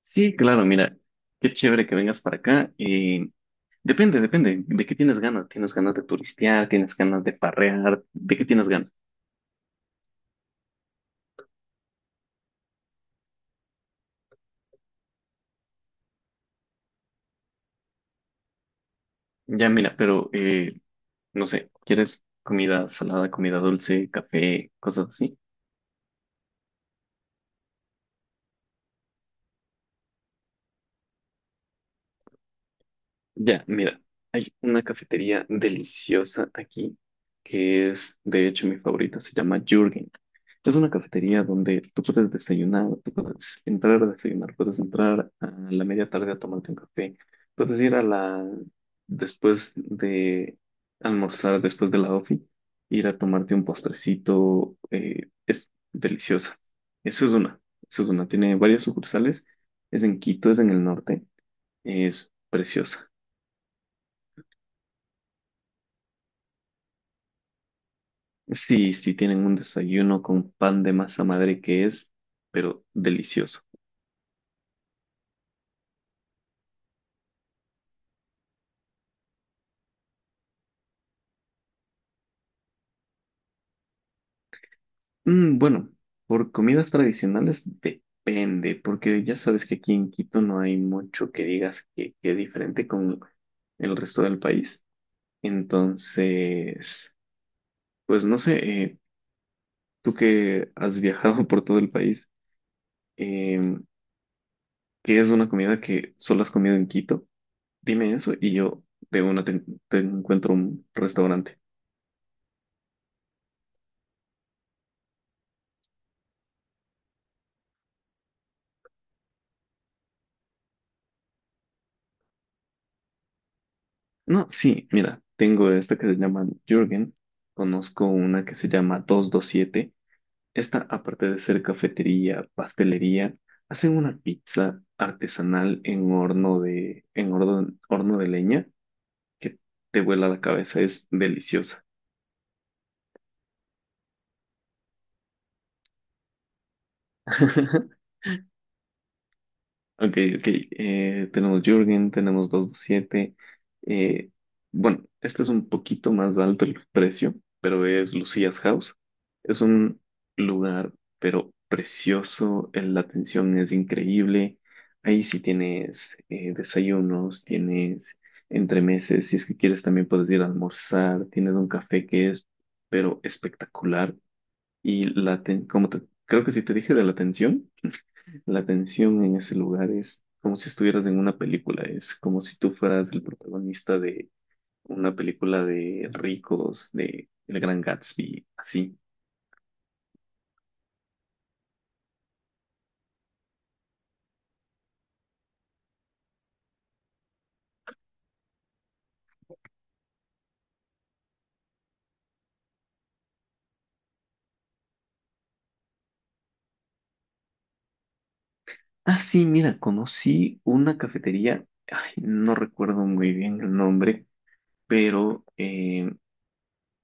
Sí, claro, mira, qué chévere que vengas para acá. Depende, depende, ¿de qué tienes ganas? ¿Tienes ganas de turistear? ¿Tienes ganas de parrear? ¿De qué tienes ganas? Ya, mira, pero no sé, ¿quieres comida salada, comida dulce, café, cosas así? Ya, mira, hay una cafetería deliciosa aquí que es, de hecho, mi favorita, se llama Jürgen. Es una cafetería donde tú puedes desayunar, tú puedes entrar a desayunar, puedes entrar a la media tarde a tomarte un café, puedes ir a la, después de almorzar, después de la ofi, ir a tomarte un postrecito, es deliciosa. Esa es una, esa es una, tiene varias sucursales, es en Quito, es en el norte, es preciosa. Sí, sí, tienen un desayuno con pan de masa madre que es, pero delicioso. Bueno, por comidas tradicionales depende, porque ya sabes que aquí en Quito no hay mucho que digas que es diferente con el resto del país. Entonces, pues no sé, eh, tú que has viajado por todo el país, eh, ¿qué es una comida que solo has comido en Quito? Dime eso y yo de una te encuentro un restaurante. No, sí, mira, tengo esta que se llama Jürgen, conozco una que se llama 227. Esta, aparte de ser cafetería, pastelería, hacen una pizza artesanal en horno de leña que te vuela la cabeza, es deliciosa. Ok, ok. Tenemos Jürgen, tenemos 227. eh, bueno, este es un poquito más alto el precio, pero es Lucia's House. Es un lugar, pero precioso. La atención es increíble. Ahí sí tienes desayunos, tienes entremeses. Si es que quieres, también puedes ir a almorzar. Tienes un café que es, pero espectacular. Y la aten- como te- creo que sí te dije de la atención. La tensión en ese lugar es como si estuvieras en una película, es como si tú fueras el protagonista de una película de ricos, de El Gran Gatsby, así. Ah, sí, mira, conocí una cafetería, ay, no recuerdo muy bien el nombre, pero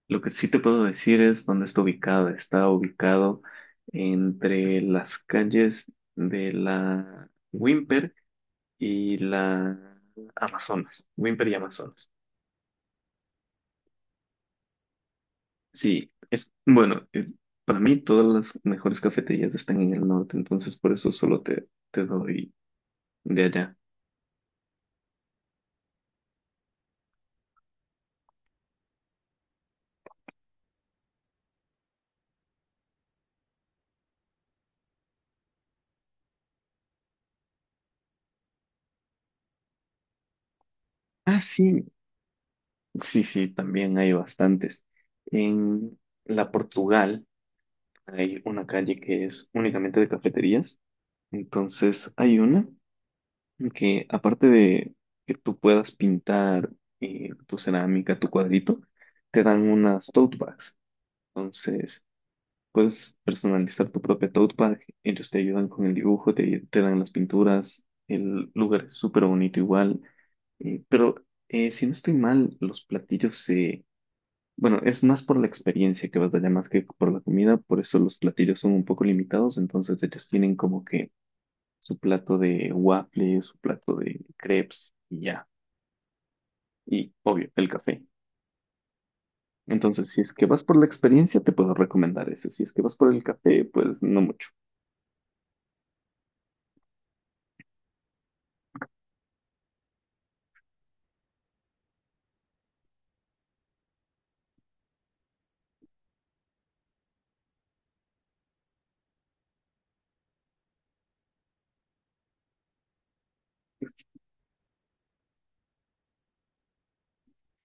lo que sí te puedo decir es dónde está ubicada. Está ubicado entre las calles de la Wimper y la Amazonas, Wimper y Amazonas. Sí, es bueno, para mí todas las mejores cafeterías están en el norte, entonces por eso solo te doy de allá. Ah, sí, sí, sí, también hay bastantes. En la Portugal hay una calle que es únicamente de cafeterías, entonces hay una que aparte de que tú puedas pintar tu cerámica, tu cuadrito, te dan unas tote bags. Entonces. Puedes personalizar tu propia tote bag, ellos te ayudan con el dibujo, te dan las pinturas, el lugar es súper bonito igual, pero si no estoy mal, bueno, es más por la experiencia que vas allá más que por la comida, por eso los platillos son un poco limitados, entonces ellos tienen como que su plato de waffle, su plato de crepes y ya, y obvio, el café. Entonces, si es que vas por la experiencia, te puedo recomendar ese, si es que vas por el café, pues no mucho.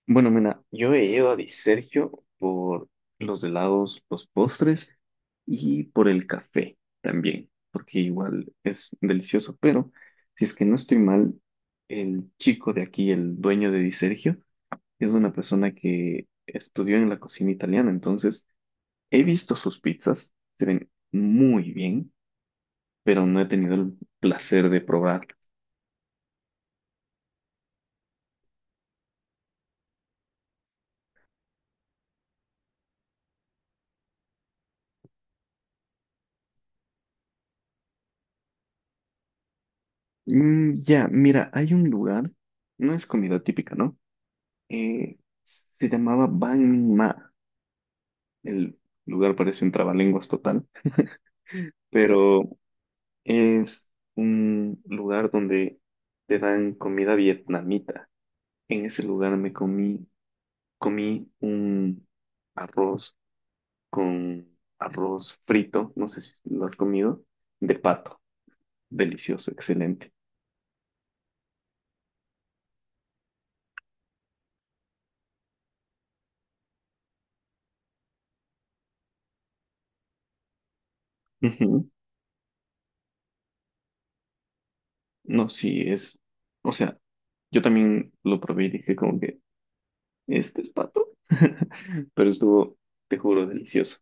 Bueno, mira, yo he ido a Di Sergio por los helados, los postres y por el café también, porque igual es delicioso, pero si es que no estoy mal, el chico de aquí, el dueño de Di Sergio, es una persona que estudió en la cocina italiana, entonces he visto sus pizzas, se ven muy bien, pero no he tenido el placer de probarlas. Ya, mira, hay un lugar, no es comida típica, ¿no? eh, Se llamaba Bang Ma. El lugar parece un trabalenguas total, pero es un lugar donde te dan comida vietnamita. En ese lugar comí un arroz con arroz frito, no sé si lo has comido, de pato. Delicioso, excelente. Ujú. No, sí, es, o sea, yo también lo probé y dije como que este es pato. Pero estuvo, te juro, delicioso.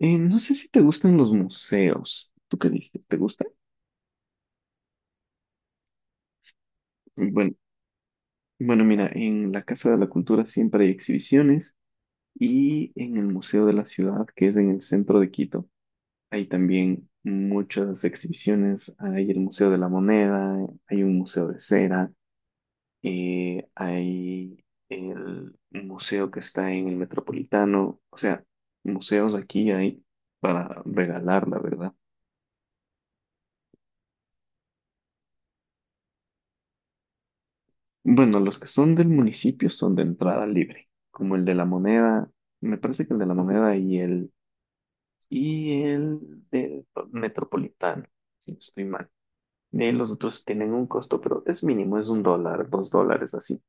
No sé si te gustan los museos. ¿Tú qué dices? ¿Te gustan? Bueno, bueno, mira, en la Casa de la Cultura siempre hay exhibiciones y en el Museo de la Ciudad, que es en el centro de Quito, hay también muchas exhibiciones. Hay el Museo de la Moneda, hay un museo de cera. Hay el museo que está en el Metropolitano, o sea, museos aquí hay para regalar, la verdad. Bueno, los que son del municipio son de entrada libre, como el de la Moneda, me parece que el de la Moneda y el del Metropolitano, si no estoy mal. Los otros tienen un costo, pero es mínimo, es $1, $2 así.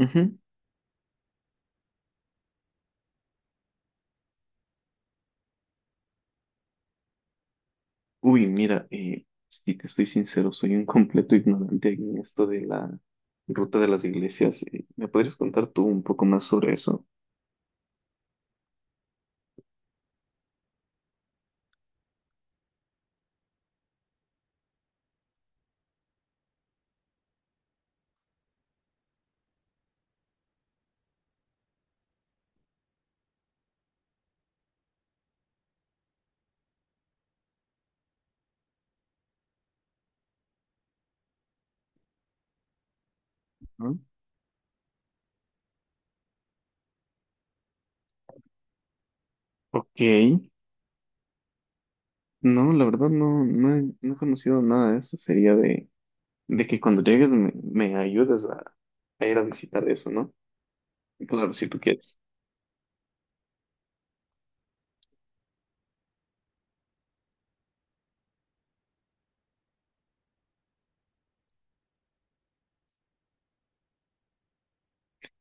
Ujú. Uy, mira, si te estoy sincero, soy un completo ignorante en esto de la ruta de las iglesias. ¿Me podrías contar tú un poco más sobre eso? ¿No? Ok, no, la verdad no, no he conocido nada de eso. Sería de que cuando llegues me ayudes a ir a visitar eso, ¿no? Claro, si tú quieres.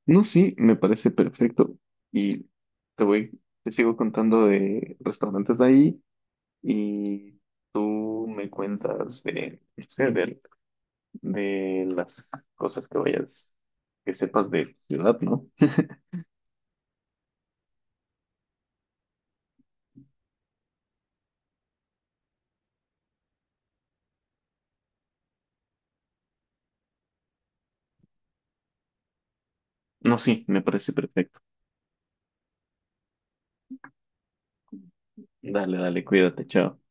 No, sí, me parece perfecto. Y te sigo contando de restaurantes de ahí y tú me cuentas de, no sé, de las cosas que vayas, que sepas de ciudad, ¿no? No, sí, me parece perfecto. Dale, dale, cuídate, chao.